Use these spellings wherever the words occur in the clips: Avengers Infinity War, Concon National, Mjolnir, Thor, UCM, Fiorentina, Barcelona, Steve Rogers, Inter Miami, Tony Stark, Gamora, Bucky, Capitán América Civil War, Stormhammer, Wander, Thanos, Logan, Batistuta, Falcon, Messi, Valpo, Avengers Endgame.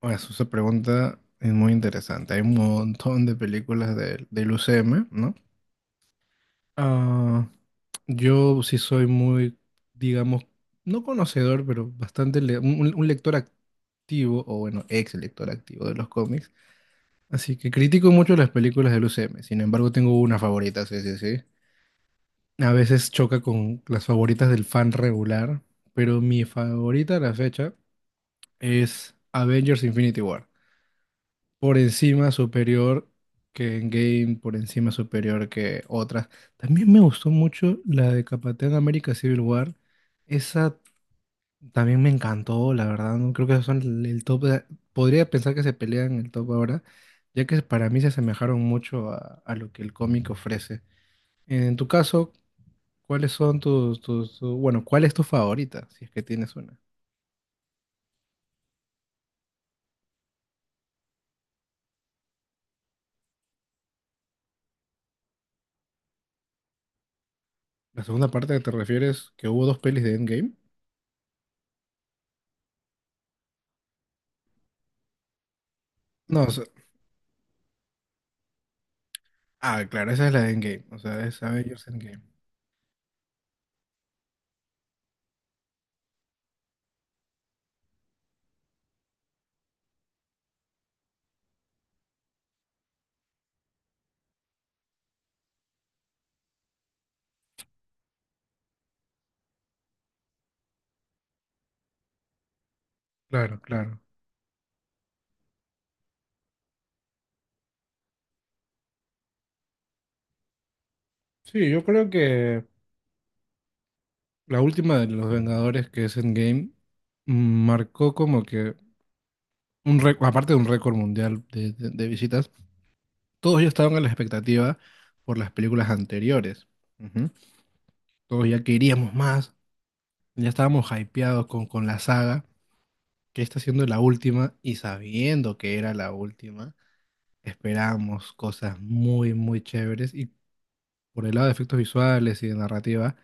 Pues esa pregunta es muy interesante. Hay un montón de películas del UCM, ¿no? Ah, yo sí soy muy, digamos, no conocedor, pero un lector activo, o bueno, ex lector activo de los cómics. Así que critico mucho las películas del UCM. Sin embargo, tengo una favorita, sí, sí, sí. A veces choca con las favoritas del fan regular, pero mi favorita a la fecha es Avengers Infinity War, por encima superior que en game, por encima superior que otras. También me gustó mucho la de Capitán América Civil War. Esa también me encantó, la verdad. No creo que esos son el top podría pensar que se pelean en el top ahora, ya que para mí se asemejaron mucho a lo que el cómic ofrece. En tu caso, ¿cuáles son bueno, cuál es tu favorita, si es que tienes una? La segunda parte que te refieres, que hubo dos pelis de Endgame. No. Claro, esa es la de Endgame, o sea, es Avengers Endgame. Claro, claro. Sí, yo creo que la última de los Vengadores, que es Endgame, marcó como que aparte de un récord mundial de visitas, todos ya estaban a la expectativa por las películas anteriores. Ujú. Todos ya queríamos más, ya estábamos hypeados con la saga, que está siendo la última, y sabiendo que era la última, esperábamos cosas muy, muy chéveres por el lado de efectos visuales y de narrativa,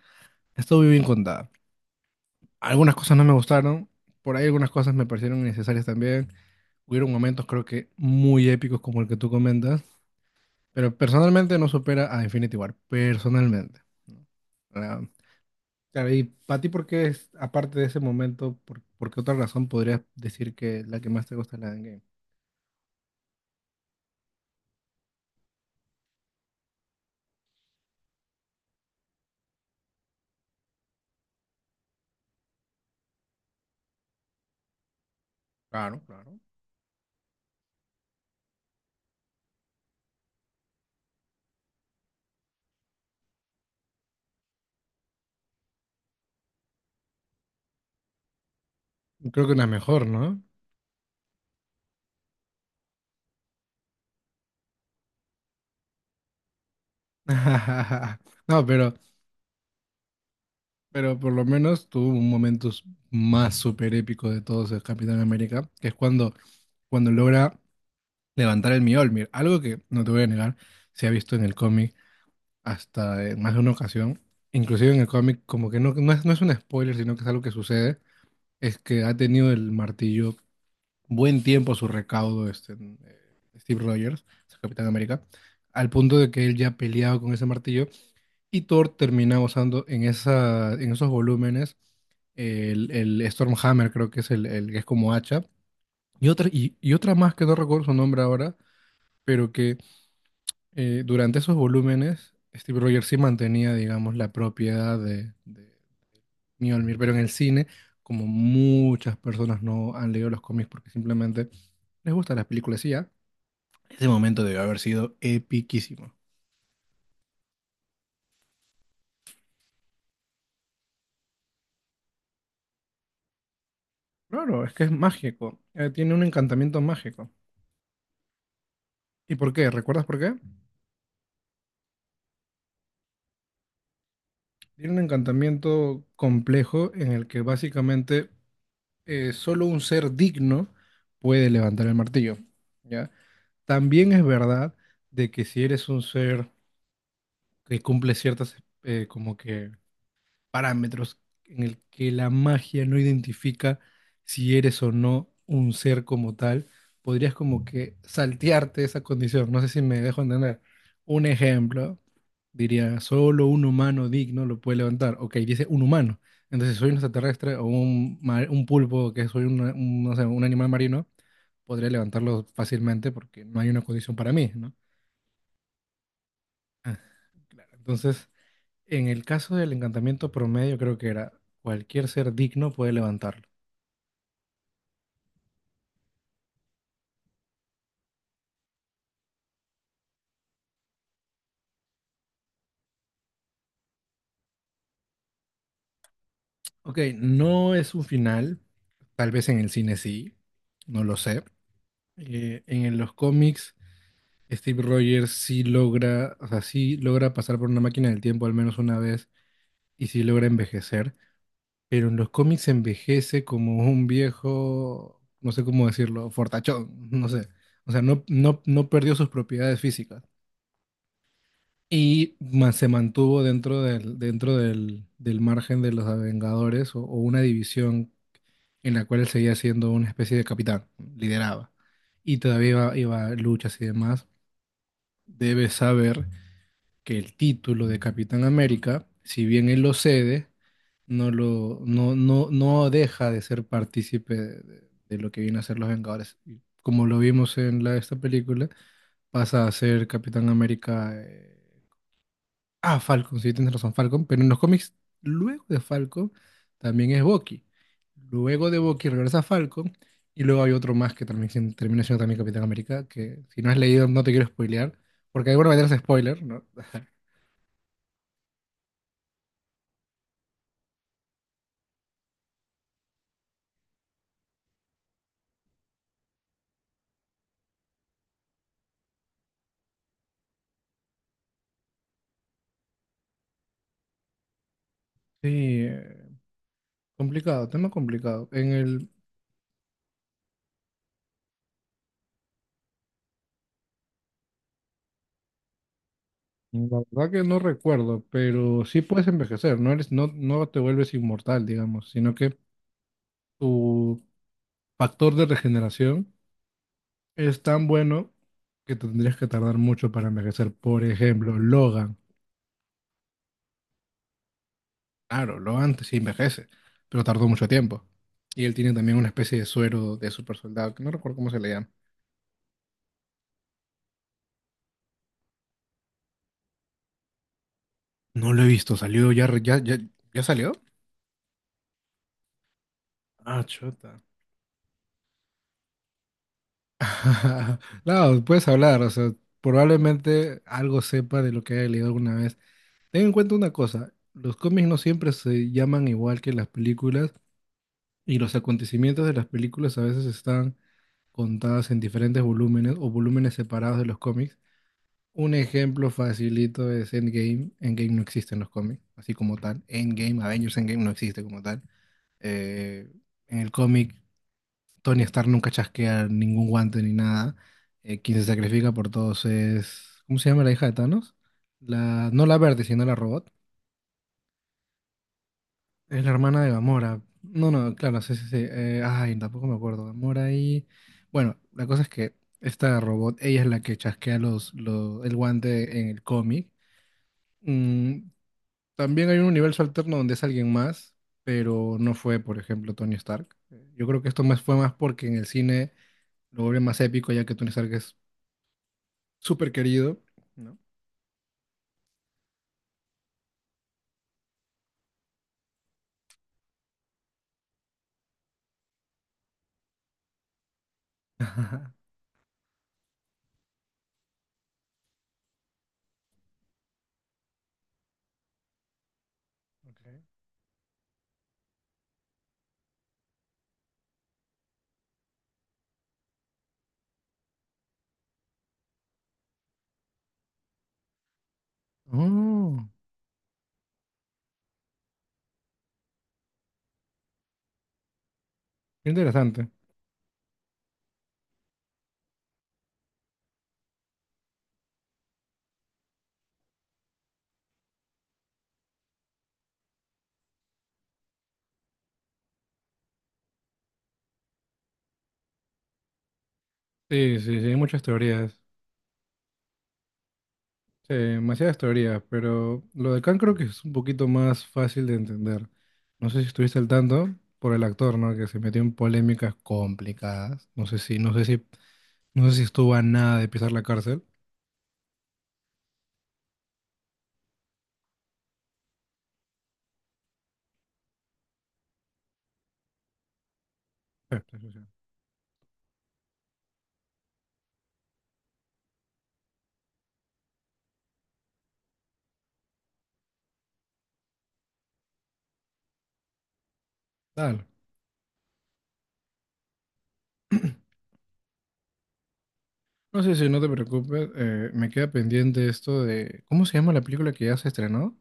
estuvo muy bien contada. Algunas cosas no me gustaron, por ahí algunas cosas me parecieron innecesarias también. Hubieron momentos creo que muy épicos como el que tú comentas, pero personalmente no supera a Infinity War, personalmente, ¿no? Ah, claro, y para ti, ¿por qué es, aparte de ese momento, por qué otra razón podrías decir que la que más te gusta es la de Endgame? Claro, claro. Creo que una mejor, ¿no? No, pero por lo menos tuvo más súper épico de todos el Capitán América, que es cuando, cuando logra levantar el Mjolnir, algo que no te voy a negar, se ha visto en el cómic hasta en más de una ocasión, inclusive en el cómic como que no, no es un spoiler, sino que es algo que sucede, es que ha tenido el martillo buen tiempo a su recaudo este, Steve Rogers, el Capitán América, al punto de que él ya ha peleado con ese martillo y Thor termina usando en esa, en esos volúmenes el Stormhammer, creo que es el que es como hacha. Y otra, y otra más que no recuerdo su nombre ahora, pero que durante esos volúmenes Steve Rogers sí mantenía, digamos, la propiedad de Mjolnir, pero en el cine, como muchas personas no han leído los cómics porque simplemente les gustan las películas y ya, ese momento debe haber sido epiquísimo. Claro, es que es mágico, tiene un encantamiento mágico. ¿Y por qué? ¿Recuerdas por qué? Tiene un encantamiento complejo en el que básicamente solo un ser digno puede levantar el martillo, ¿ya? También es verdad de que si eres un ser que cumple ciertas como que parámetros en el que la magia no identifica si eres o no un ser como tal, podrías como que saltearte esa condición. No sé si me dejo entender. Un ejemplo, diría, solo un humano digno lo puede levantar. Ok, dice un humano. Entonces, si soy un extraterrestre o un pulpo, que soy un, no sé, un animal marino, podría levantarlo fácilmente porque no hay una condición para mí, ¿no? Claro, entonces... En el caso del encantamiento promedio, creo que era cualquier ser digno puede levantarlo. Ok, no es un final, tal vez en el cine sí, no lo sé. En los cómics, Steve Rogers sí logra, o sea, sí logra pasar por una máquina del tiempo al menos una vez y sí logra envejecer, pero en los cómics envejece como un viejo, no sé cómo decirlo, fortachón, no sé. O sea, no, no, no perdió sus propiedades físicas. Y se mantuvo dentro del margen de los Vengadores o una división en la cual él seguía siendo una especie de capitán, lideraba. Y todavía iba, iba a luchas y demás. Debe saber que el título de Capitán América, si bien él lo cede, no, lo, no, no, no deja de ser partícipe de lo que viene a ser los Vengadores. Y como lo vimos en la, esta película, pasa a ser Capitán América, ah, Falcon, sí, tienes razón, Falcon. Pero en los cómics, luego de Falcon, también es Bucky. Luego de Bucky regresa Falcon. Y luego hay otro más que también termina siendo también Capitán América. Que si no has leído, no te quiero spoilear. Porque de alguna manera es spoiler, ¿no? Sí, eh, complicado, tema complicado. La verdad que no recuerdo, pero sí puedes envejecer, no eres, no, no te vuelves inmortal, digamos, sino que tu factor de regeneración es tan bueno que tendrías que tardar mucho para envejecer. Por ejemplo, Logan. Claro, Logan sí envejece, pero tardó mucho tiempo. Y él tiene también una especie de suero de super soldado, que no recuerdo cómo se le llama. No lo he visto, salió ya, ya salió. Ah, chuta. No, puedes hablar, o sea, probablemente algo sepa de lo que haya leído alguna vez. Ten en cuenta una cosa, los cómics no siempre se llaman igual que las películas y los acontecimientos de las películas a veces están contadas en diferentes volúmenes o volúmenes separados de los cómics. Un ejemplo facilito es Endgame. Endgame no existe en los cómics, así como tal. Endgame, Avengers Endgame no existe como tal. Eh, en el cómic, Tony Stark nunca chasquea ningún guante ni nada. Quien se sacrifica por todos es... ¿Cómo se llama la hija de Thanos? La, no la verde, sino la robot. Es la hermana de Gamora. No, no, claro, sí, sí, sí. Ay, tampoco me acuerdo. Gamora y... Bueno, la cosa es que esta robot, ella es la que chasquea el guante en el cómic. Mm, también hay un universo alterno donde es alguien más, pero no fue, por ejemplo, Tony Stark. Yo creo que esto más fue más porque en el cine lo vuelve más épico, ya que Tony Stark es súper querido, ¿no? Ok. Oh, qué interesante. Sí, sí, sí, hay muchas teorías. Sí, demasiadas teorías, pero lo de Khan creo que es un poquito más fácil de entender. No sé si estuviste al tanto por el actor, ¿no? Que se metió en polémicas complicadas. No sé si estuvo a nada de pisar la cárcel. Sí, sí, sí, sí. Dale. No, sé si no te preocupes. Me queda pendiente esto de, ¿cómo se llama la película que ya se estrenó?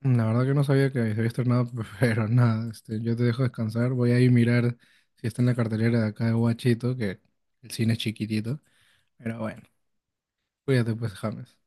La verdad que no sabía que se había estrenado, pero nada, este, yo te dejo descansar. Voy a ir a mirar si está en la cartelera de acá de Guachito, que el cine es chiquitito. Pero bueno, cuídate pues, James.